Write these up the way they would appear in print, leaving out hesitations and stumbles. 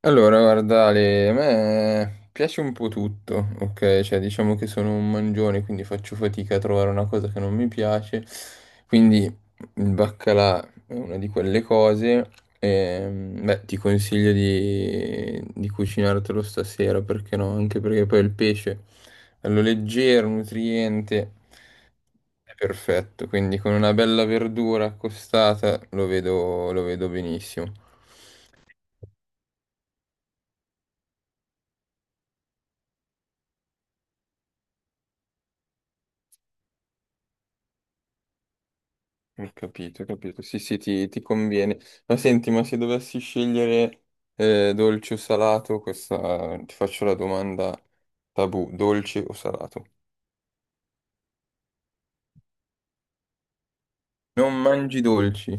Allora, guarda, Ale, a me piace un po' tutto, ok? Cioè, diciamo che sono un mangione, quindi faccio fatica a trovare una cosa che non mi piace. Quindi il baccalà è una di quelle cose. Beh, ti consiglio di cucinartelo stasera, perché no? Anche perché poi il pesce, bello leggero, nutriente, è perfetto. Quindi con una bella verdura accostata lo vedo benissimo. Ho capito, ho capito. Sì, sì, ti conviene. Ma senti, ma se dovessi scegliere dolce o salato, questa ti faccio la domanda tabù, dolce o salato? Non mangi dolci.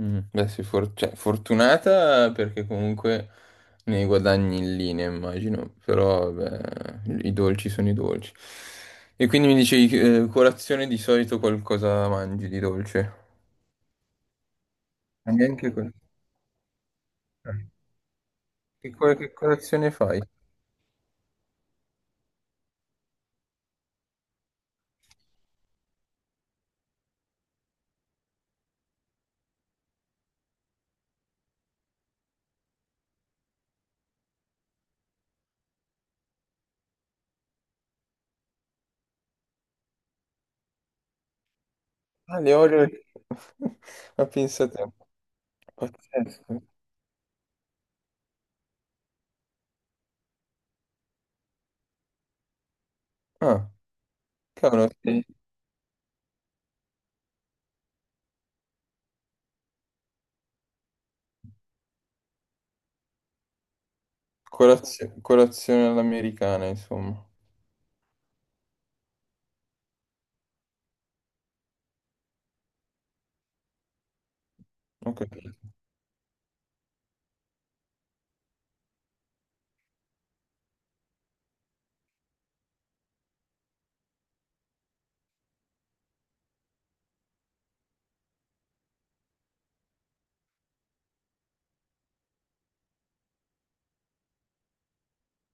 Mm. Beh, cioè, fortunata perché comunque ne guadagni in linea, immagino, però vabbè, i dolci sono i dolci. E quindi mi dicevi, colazione di solito qualcosa mangi di dolce? Ma neanche quello. Che colazione fai? Ah, le Oreo. Ma pensa te. Pazzesco. Ah, cavolo, sì. Colazione all'americana, insomma. Ho capito.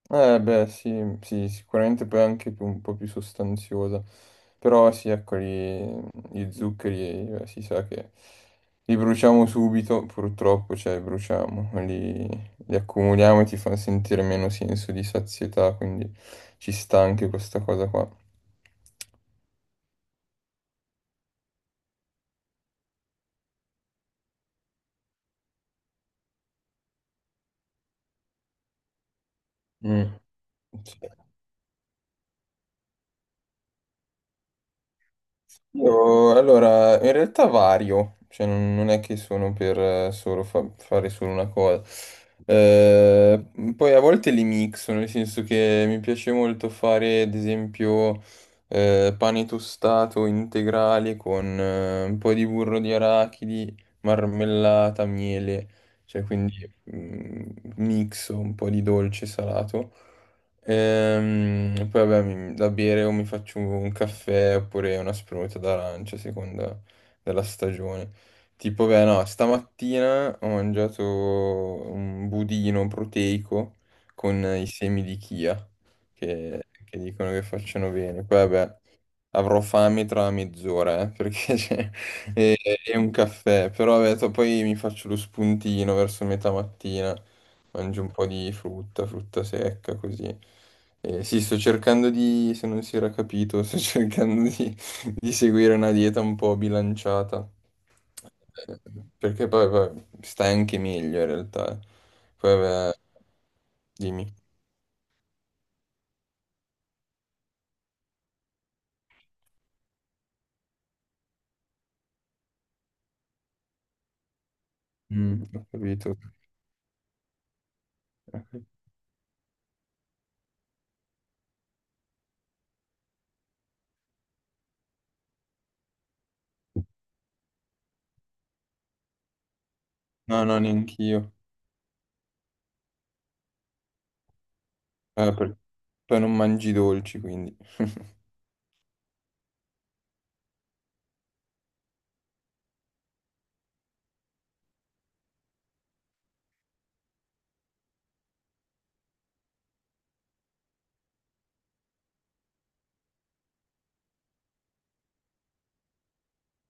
Beh, sì, sì, sicuramente poi un po' più sostanziosa. Però sì, ecco, gli zuccheri, si sa che li bruciamo subito, purtroppo, cioè, bruciamo. Li accumuliamo e ti fa sentire meno senso di sazietà, quindi ci sta anche questa cosa qua. Mm. Sì. Io, allora, in realtà vario, cioè non è che sono per fare solo una cosa. Eh, poi a volte li mixo, nel senso che mi piace molto fare, ad esempio, pane tostato integrale con un po' di burro di arachidi, marmellata, miele, cioè quindi mixo un po' di dolce salato. Poi vabbè, da bere o mi faccio un caffè oppure una spremuta d'arancia a seconda della stagione. Tipo, beh, no, stamattina ho mangiato un budino proteico con i semi di chia che dicono che facciano bene. Poi vabbè, avrò fame tra mezz'ora, perché c'è è, è un caffè, però vabbè, poi mi faccio lo spuntino verso metà mattina, mangio un po' di frutta, frutta secca, così. Sì, sto cercando di, se non si era capito, sto cercando di seguire una dieta un po' bilanciata, eh, perché poi stai anche meglio in realtà. Eh. Poi vabbè, dimmi. Mm, ho capito. No, no, neanch'io. Eh, Poi non mangi i dolci, quindi.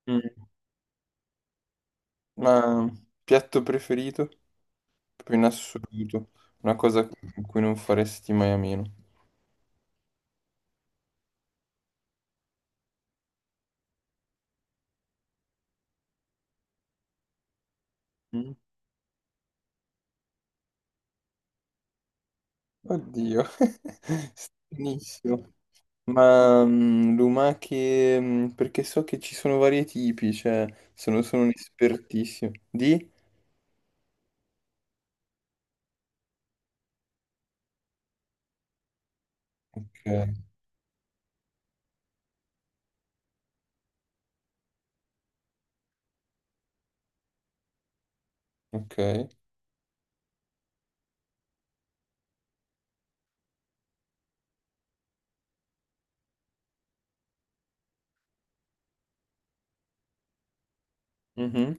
Mm. Ma piatto preferito? Proprio in assoluto. Una cosa in cui non faresti mai a meno. Mm. Oddio, benissimo. Ma lumache, perché so che ci sono vari tipi, cioè sono un espertissimo. Di? Ok, ok. Mhm.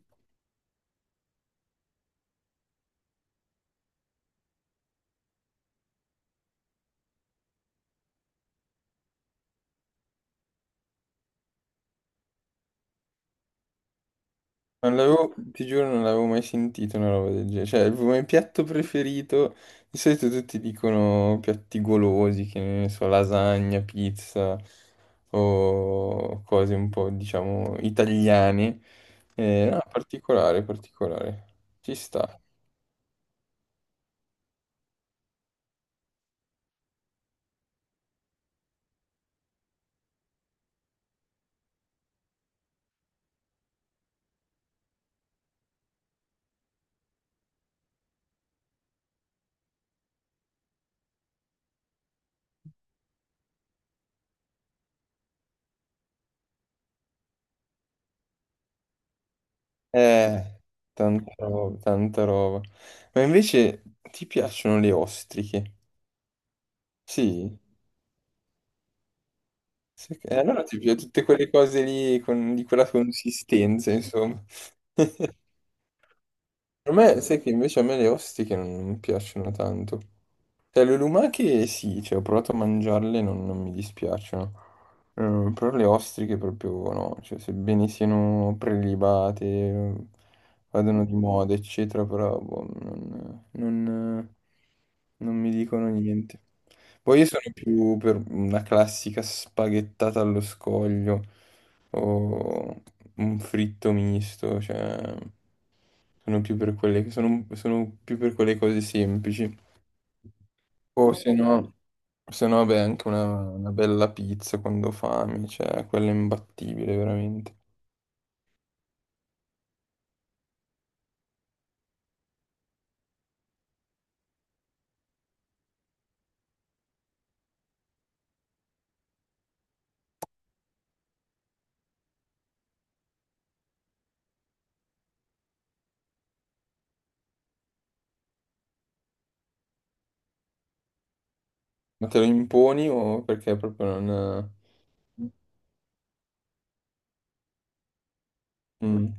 Non l'avevo, ti giuro, non l'avevo mai sentito una roba del genere. Cioè, il mio piatto preferito, di solito tutti dicono piatti golosi, che ne so, lasagna, pizza o cose un po', diciamo, italiane. No, particolare, particolare. Ci sta. Eh, tanta roba, tanta roba. Ma invece ti piacciono le ostriche? Sì. Sì, allora ti piace tutte quelle cose lì di quella consistenza, insomma. Per me, sai che invece a me le ostiche non piacciono tanto. Cioè, le lumache sì, cioè, ho provato a mangiarle, non mi dispiacciono. Però le ostriche proprio no, cioè, sebbene siano prelibate, vadano di moda, eccetera, però boh, non mi dicono niente. Poi io sono più per una classica spaghettata allo scoglio o un fritto misto, cioè, sono più per quelle, sono più per quelle cose semplici. O se no, se no, beh, anche una bella pizza quando ho fame, cioè, quella è imbattibile, veramente. Ma te lo imponi o perché proprio non... Mm,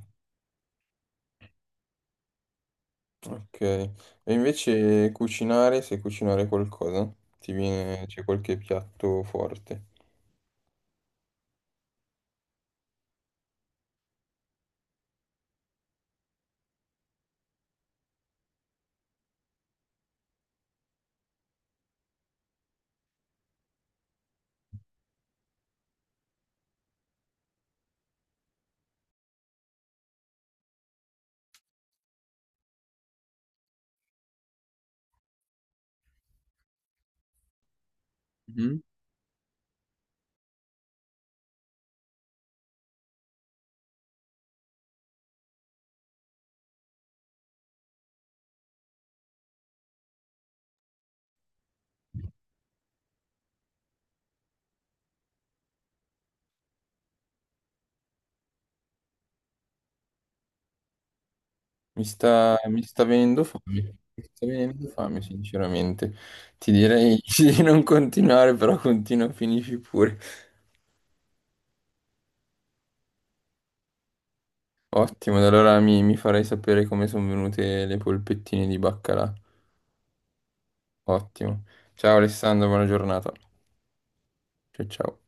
ok. E invece cucinare, se cucinare qualcosa, ti viene, c'è qualche piatto forte. Mhm. Mi sta venendo fame, mi sta venendo fame, sinceramente. Ti direi di non continuare, però continua, finisci pure. Ottimo, ad allora mi farai sapere come sono venute le polpettine di baccalà. Ottimo. Ciao Alessandro, buona giornata. Ciao ciao.